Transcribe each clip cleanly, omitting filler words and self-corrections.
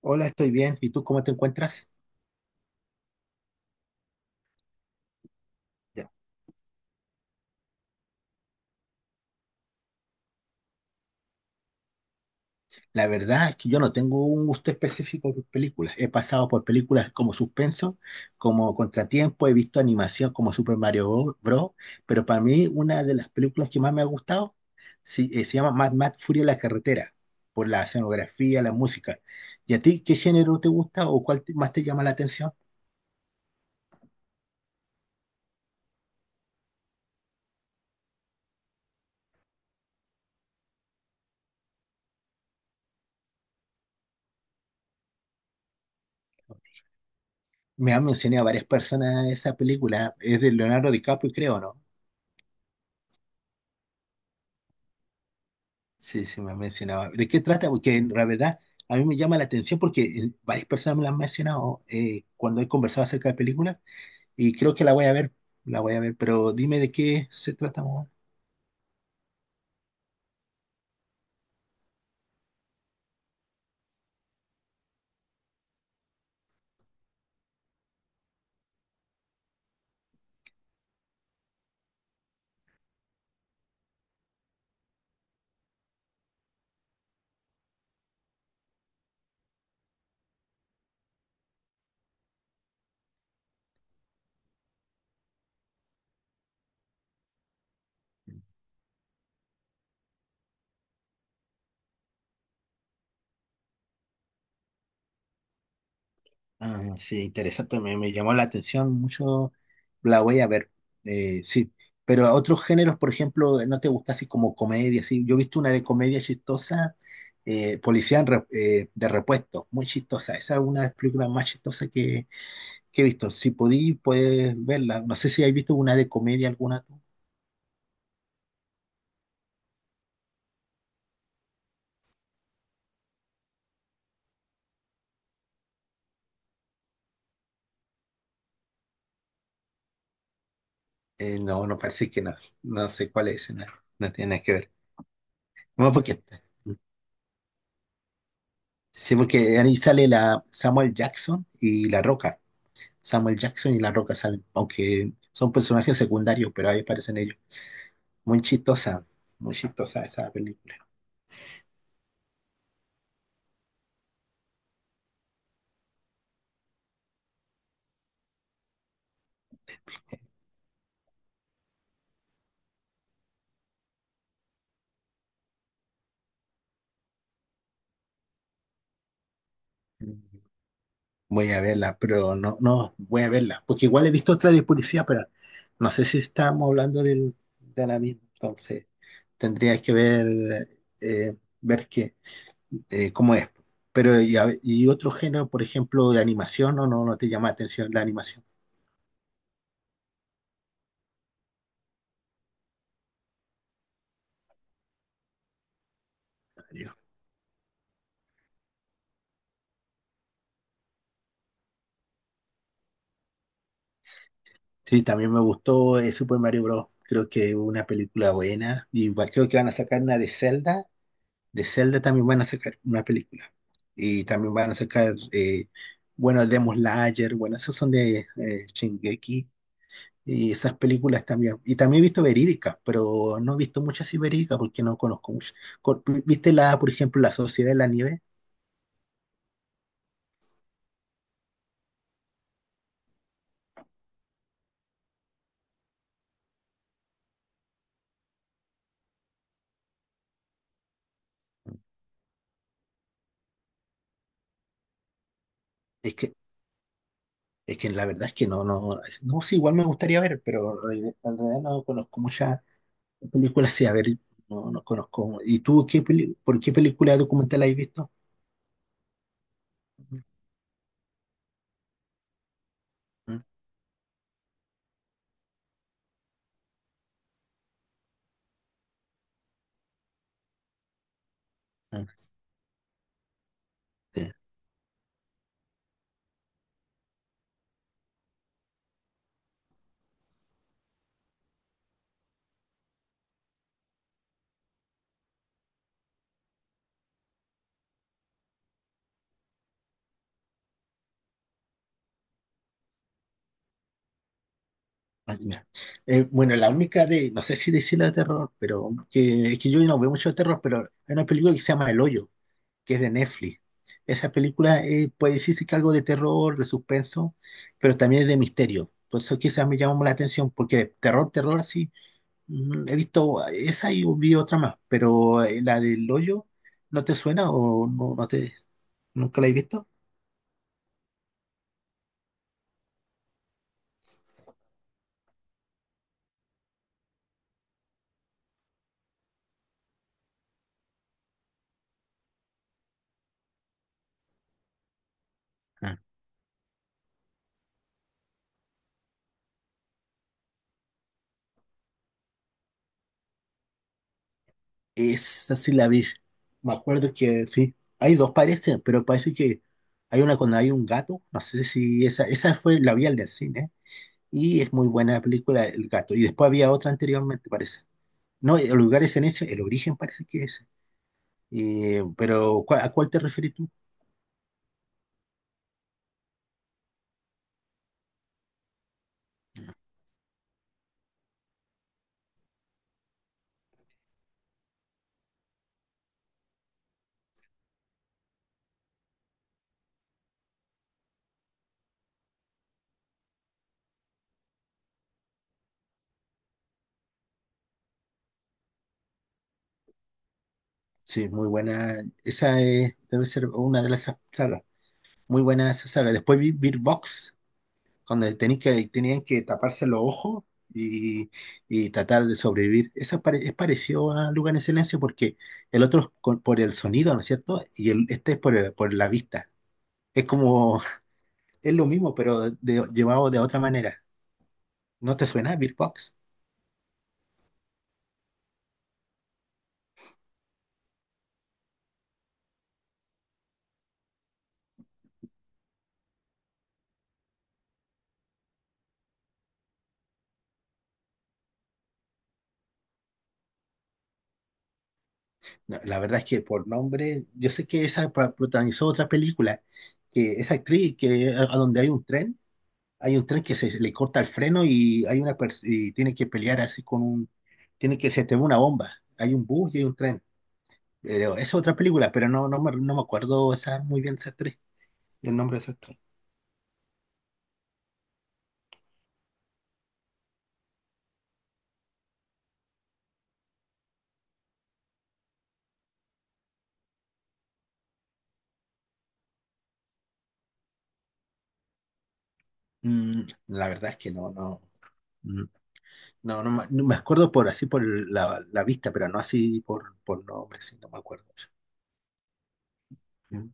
Hola, estoy bien. ¿Y tú cómo te encuentras? Ya. La verdad es que yo no tengo un gusto específico por películas. He pasado por películas como suspenso, como Contratiempo, he visto animación como Super Mario Bros. Pero para mí, una de las películas que más me ha gustado sí, se llama Mad Mad Furia en la carretera, por la escenografía, la música. ¿Y a ti qué género te gusta o más te llama la atención? Me han mencionado varias personas esa película. Es de Leonardo DiCaprio, creo, ¿no? Sí, sí, me han mencionado. ¿De qué trata? Porque en realidad a mí me llama la atención porque varias personas me la han mencionado cuando he conversado acerca de películas y creo que la voy a ver, la voy a ver, pero dime de qué se trata. Ah, sí, interesante, me llamó la atención mucho, la voy a ver, sí, pero a otros géneros, por ejemplo, ¿no te gusta así como comedia? Sí, yo he visto una de comedia chistosa, de repuesto, muy chistosa, esa es una de las películas más que he visto, puedes verla, no sé si has visto una de comedia alguna tú. No, no parece que no, no sé cuál es, no, no tiene nada que ver. No, porque, sí, porque ahí sale la Samuel Jackson y La Roca. Samuel Jackson y La Roca salen, aunque son personajes secundarios, pero ahí aparecen ellos. Muy chistosa, muy chistosa esa película. Voy a verla, pero no, no, voy a verla, porque igual he visto otra de policía, pero no sé si estamos hablando de la misma, entonces tendría que ver, ver qué cómo es. Pero, y, y otro género, por ejemplo, de animación, no, no, no te llama la atención la animación. Sí, también me gustó Super Mario Bros. Creo que es una película buena. Creo que van a sacar una de Zelda. De Zelda también van a sacar una película. Y también van a sacar, bueno, Demon Slayer. Bueno, esos son de Shingeki. Y esas películas también. Y también he visto verídicas, pero no he visto muchas verídicas porque no conozco muchas. ¿Viste la, por ejemplo, La Sociedad de la Nieve? Es que, es que la verdad es que no, no, sí, igual me gustaría ver, pero en realidad no conozco muchas. ¿Qué película sí? A ver, no, no conozco. ¿Y tú qué por qué película documental has visto? Mm, mm, sí. Ah, ya. Bueno, la única de, no sé si decirla de terror, pero que, es que yo no veo mucho de terror, pero hay una película que se llama El Hoyo, que es de Netflix. Esa película puede decirse que algo de terror, de suspenso, pero también es de misterio. Por eso quizás me llamó la atención, porque de terror, terror, sí. He visto esa y vi otra más, pero la del hoyo, ¿no te suena o no, no te...? ¿Nunca la he visto? Ah. Esa sí la vi. Me acuerdo que sí. Hay dos parece, pero parece que hay una cuando hay un gato. No sé si esa, esa fue, la vi al el cine. Y es muy buena la película, El gato. Y después había otra anteriormente, parece. No, el lugar es en ese, el origen parece que es. Pero ¿a cuál te refieres tú? Sí, muy buena. Esa es- debe ser una de las sagas. Muy buena esa saga. Después vi Bird Box cuando tenían que taparse los ojos y, y tratar de sobrevivir. Eso es, es parecido a Lugar en Silencio porque el otro por el sonido, ¿no es cierto? Y el, este es por, por la vista. Es como, es lo mismo, pero llevado de otra manera. ¿No te suena Birbox? No, la verdad es que por nombre, yo sé que esa protagonizó otra película, que esa actriz que a donde hay un tren que se le corta el freno y hay y tiene que pelear así con un tienen que gestionar una bomba. Hay un bus y hay un tren. Pero esa es otra película, pero no, no me acuerdo esa, muy bien esas tres, el nombre de esas tres. Mm, la verdad es que no, no, mm, no, no, no me acuerdo por así por la vista, pero no así por nombre, sí, no me acuerdo. Mm.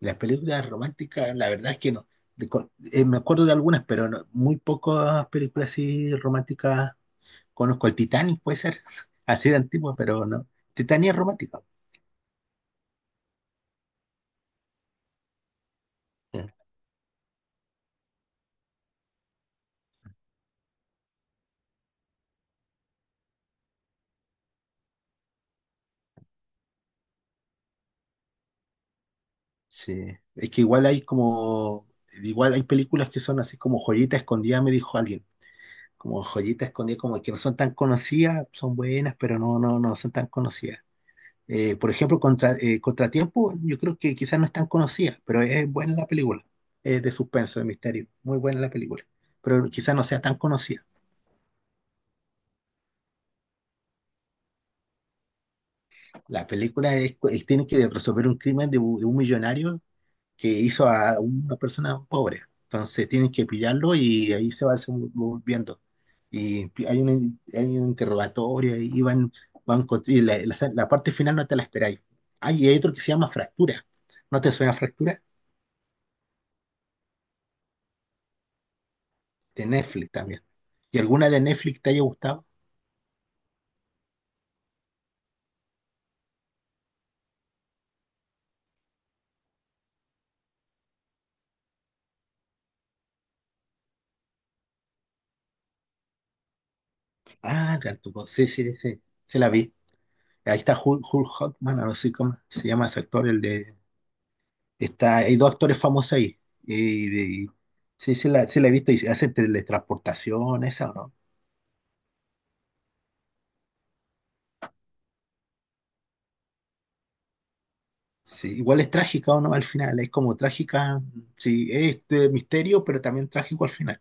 Las películas románticas, la verdad es que no. Me acuerdo de algunas, pero muy pocas películas así románticas conozco. El Titanic puede ser así de antiguo, pero no. Titanic es romántica. Sí, es que igual hay como, igual hay películas que son así como joyita escondida, me dijo alguien, como joyita escondida, como que no son tan conocidas, son buenas, pero no, no, no son tan conocidas. Por ejemplo, Contratiempo, yo creo que quizás no es tan conocida, pero es buena la película, es de suspenso, de misterio, muy buena la película, pero quizás no sea tan conocida. La película tiene que resolver un crimen de un millonario que hizo a una persona pobre, entonces tienen que pillarlo y ahí se va volviendo. Y hay un interrogatorio van y la parte final no te la esperáis. Ah, y hay otro que se llama Fractura. ¿No te suena Fractura? De Netflix también. ¿Y alguna de Netflix te haya gustado? Ah, Rantuco, sí, sí, sí, se la vi. Ahí está Hugh, Hugh Jackman, no sé cómo se llama ese actor, el de... Está, hay dos actores famosos ahí. Y, y- sí, sí la he visto y hace teletransportación, esa, ¿o no? Sí, igual es trágica o no al final, es como trágica, sí, es de misterio, pero también trágico al final.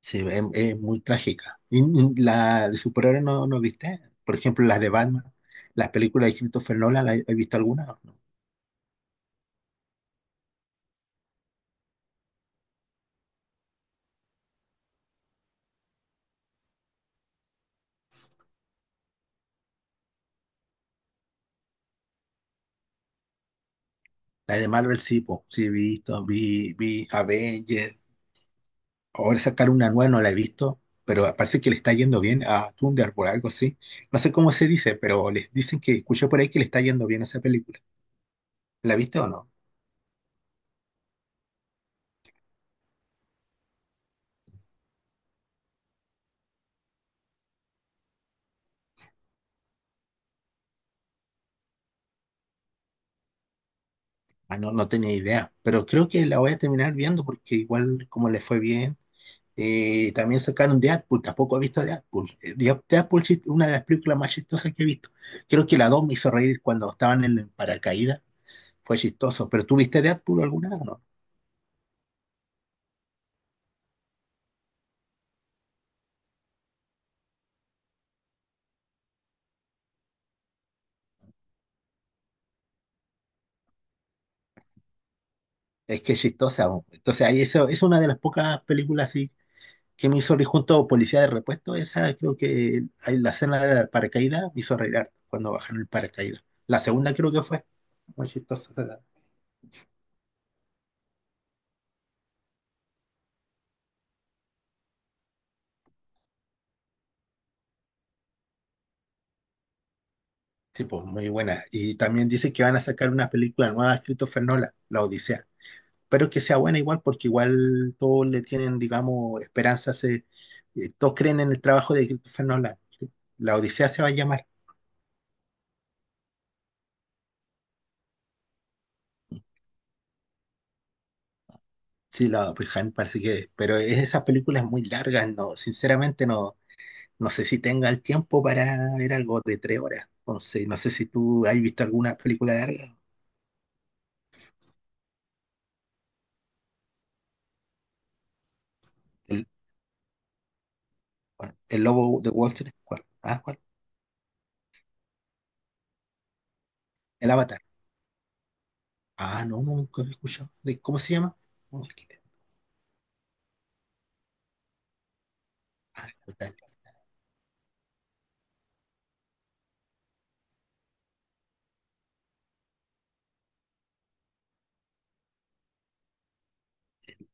Sí, es muy trágica. Y la de superhéroes no, no viste, por ejemplo, las de Batman, las películas de Christopher Nolan, ¿la he visto algunas? ¿O no? La de Marvel sí, po, sí he visto, vi Avengers, ahora sacar una nueva no la he visto, pero parece que le está yendo bien a Thunderbolt, algo así. No sé cómo se dice, pero les dicen que escuché por ahí que le está yendo bien a esa película. ¿La viste o no? Ah, no, no tenía idea, pero creo que la voy a terminar viendo porque igual como le fue bien, también sacaron Deadpool, tampoco he visto Deadpool. Deadpool es una de las películas más chistosas que he visto. Creo que la 2 me hizo reír cuando estaban en el paracaídas, fue chistoso, pero ¿tú viste Deadpool alguna vez o no? Es que es chistosa, bo. Entonces ahí eso es una de las pocas películas así que me hizo reír junto a Policía de Repuesto, esa creo que ahí la escena del paracaídas me hizo reír harto cuando bajaron el paracaídas. La segunda creo que fue, muy chistosa. Sí, pues, muy buena. Y también dice que van a sacar una película nueva de Christopher Nolan, La Odisea. Pero que sea buena igual, porque igual todos le tienen, digamos, esperanza. Se, todos creen en el trabajo de Christopher Nolan. La Odisea se va a llamar. Sí, la pues, Han parece que. Pero es, esas películas muy largas, no, sinceramente no, no sé si tenga el tiempo para ver algo de 3 horas. Entonces, no sé si tú has visto alguna película larga. El, bueno, el Lobo de Wall Street, ¿cuál? Ah, ¿cuál? El Avatar. Ah, no, no, nunca lo he escuchado. ¿De cómo se llama? Un maquinista. Ah, brutal.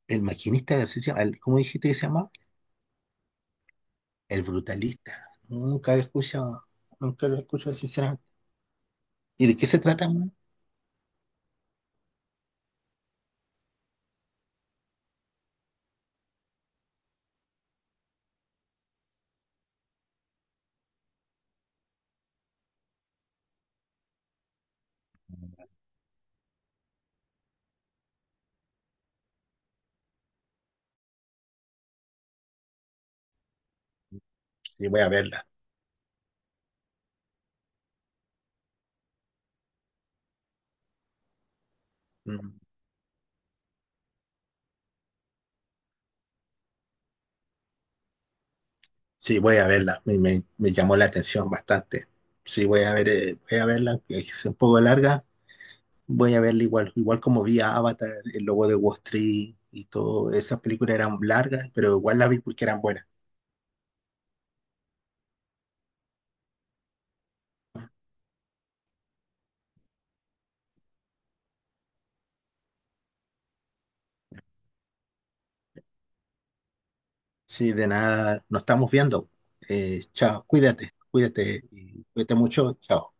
El maquinista, así se llama. El- ¿cómo dijiste que se llama? El brutalista. No, nunca lo he escuchado. Nunca lo he escuchado, sinceramente. ¿Y de qué se trata, man? Sí, voy a verla. Mm. Sí, voy a verla. Me llamó la atención bastante. Sí, voy a ver, voy a verla, que es un poco larga. Voy a verla igual. Igual como vi a Avatar, El Lobo de Wall Street y todo. Esas películas eran largas, pero igual las vi porque eran buenas. Sí, de nada, nos estamos viendo. Chao, cuídate, cuídate y cuídate mucho. Chao.